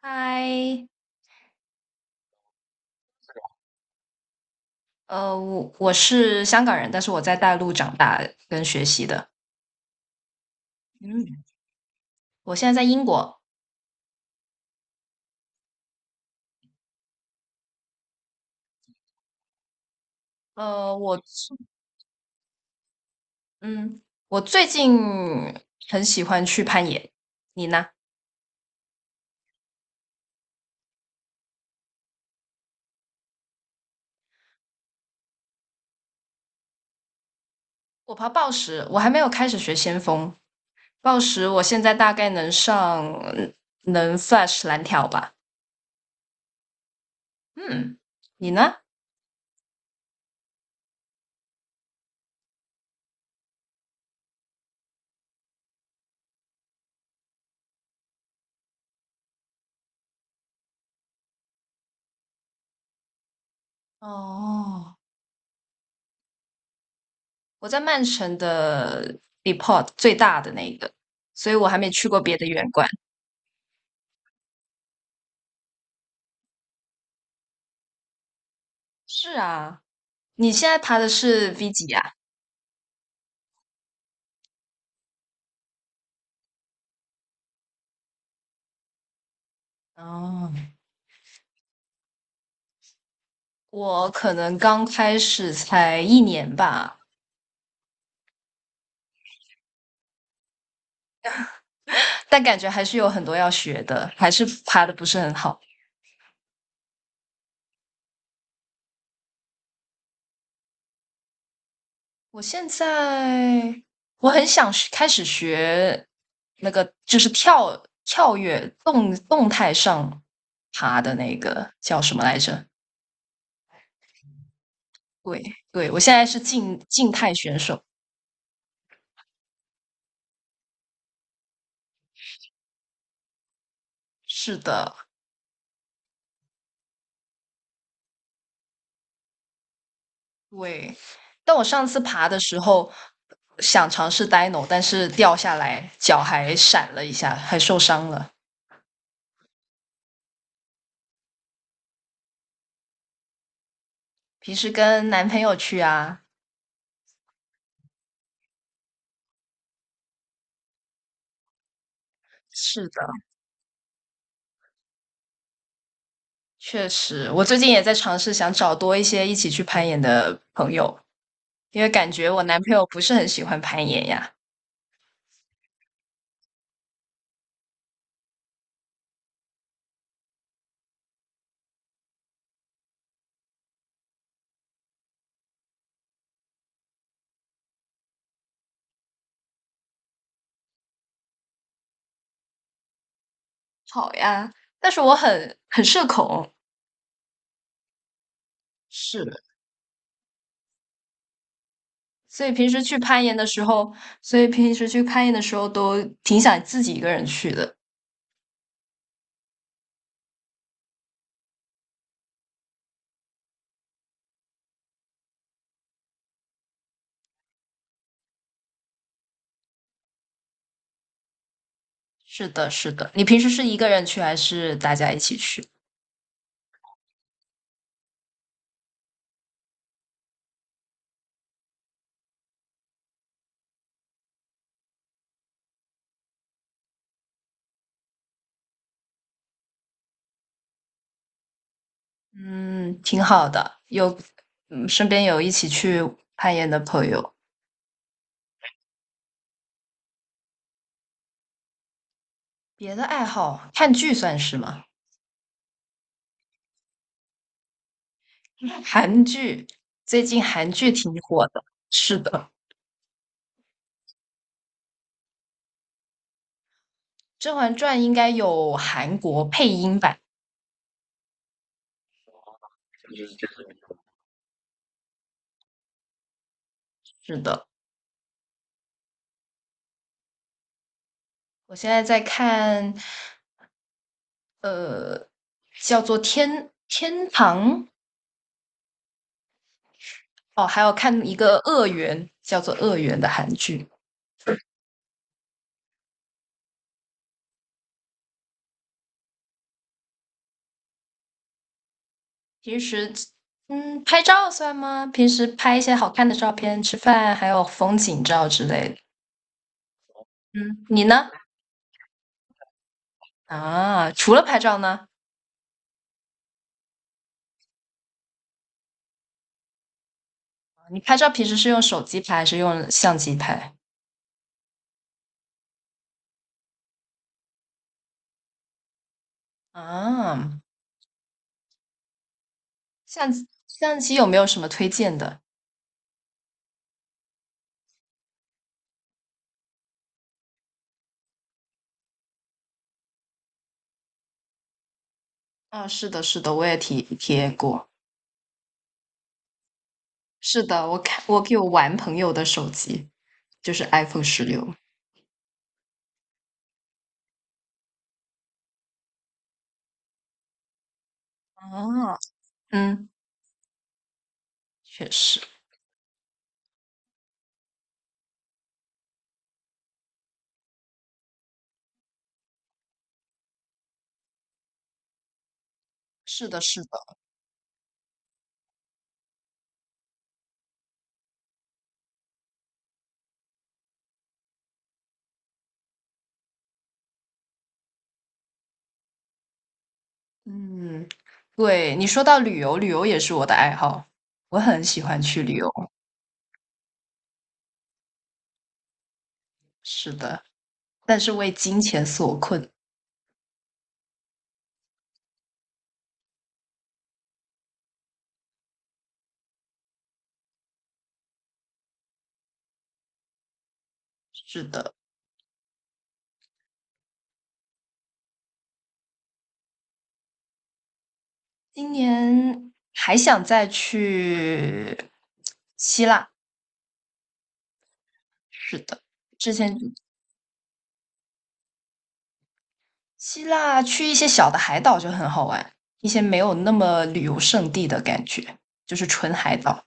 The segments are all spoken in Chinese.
嗨，我是香港人，但是我在大陆长大跟学习的。嗯，我现在在英国。呃，我最嗯，我最近很喜欢去攀岩。你呢？我爬抱石，我还没有开始学先锋。抱石，我现在大概能上能 Flash 蓝条吧。嗯，你呢？哦，我在曼城的 Depot 最大的那个，所以我还没去过别的园馆。是啊。你现在爬的是 V 几呀？哦，我可能刚开始才一年吧，但感觉还是有很多要学的，还是爬的不是很好。我现在我很想学开始学那个，就是跳跃动态上爬的那个叫什么来着？对，对，我现在是静态选手。是的，对，但我上次爬的时候想尝试 Dino,但是掉下来脚还闪了一下，还受伤了。平时跟男朋友去啊。是的，确实，我最近也在尝试想找多一些一起去攀岩的朋友，因为感觉我男朋友不是很喜欢攀岩呀。好呀，但是我很社恐。是，所以平时去攀岩的时候，所以平时去攀岩的时候都挺想自己一个人去的。是的，是的。你平时是一个人去还是大家一起去？嗯，挺好的，有，嗯，身边有一起去攀岩的朋友。别的爱好，看剧算是吗？韩剧，最近韩剧挺火的。是的，《甄嬛传》应该有韩国配音版。是的，我现在在看叫做天《天堂》。哦，还有看一个《恶缘》，叫做《恶缘》的韩剧。平时拍照算吗？平时拍一些好看的照片，吃饭，还有风景照之类的。嗯，你呢？啊，除了拍照呢？你拍照平时是用手机拍，还是用相机拍？啊，相机有没有什么推荐的？啊，是的，是的，我也体验过。是的，我看我给我玩朋友的手机，就是 iPhone 16。啊，嗯，确实，是的，是的。嗯，对，你说到旅游，旅游也是我的爱好，我很喜欢去旅游。是的，但是为金钱所困。是的，今年还想再去希腊。是的，之前希腊去一些小的海岛就很好玩，一些没有那么旅游胜地的感觉，就是纯海岛。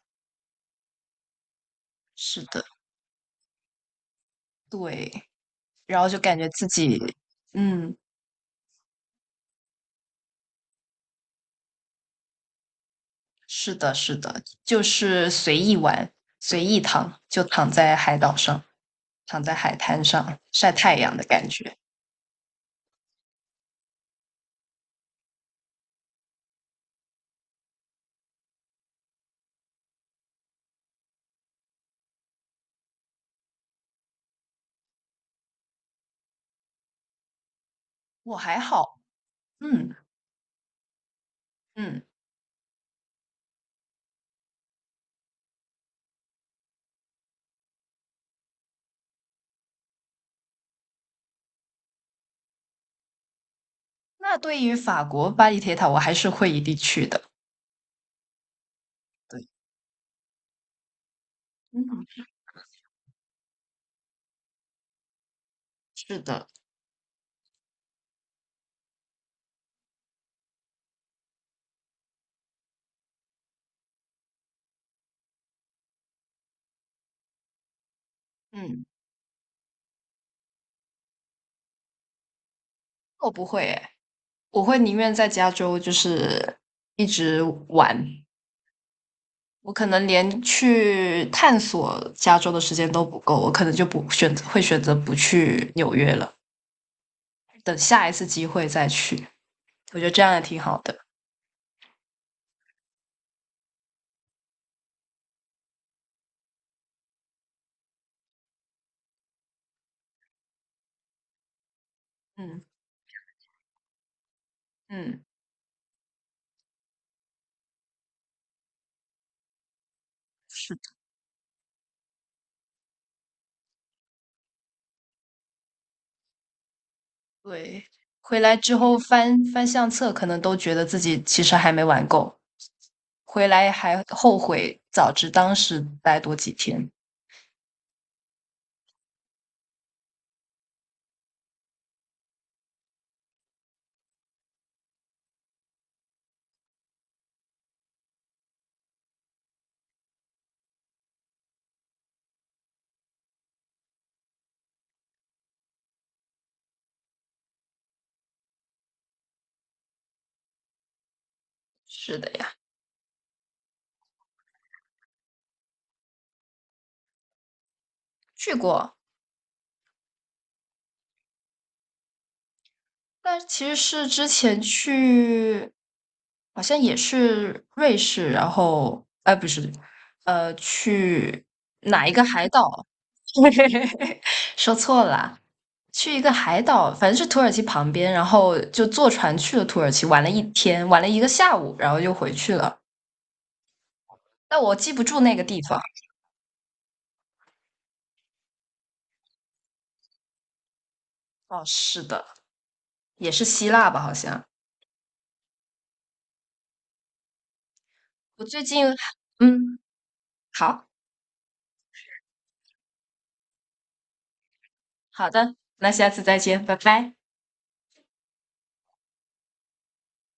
是的，对，然后就感觉自己，嗯。是的，是的，就是随意玩，随意躺，就躺在海岛上，躺在海滩上晒太阳的感觉。我还好，嗯嗯。那对于法国巴黎铁塔，我还是会一定去的。对，嗯，是的，嗯，我不会诶，我会宁愿在加州就是一直玩，我可能连去探索加州的时间都不够，我可能就不选择会选择不去纽约了，等下一次机会再去。我觉得这样也挺好的。嗯嗯，是的，对。回来之后翻翻相册，可能都觉得自己其实还没玩够，回来还后悔，早知当时待多几天。是的呀，去过。但其实是之前去，好像也是瑞士，然后，哎，不是，去哪一个海岛？说错了，去一个海岛，反正是土耳其旁边，然后就坐船去了土耳其，玩了一天，玩了一个下午，然后就回去了。但我记不住那个地方。哦，是的，也是希腊吧，好像。我最近，嗯，好好的，那下次再见，拜拜。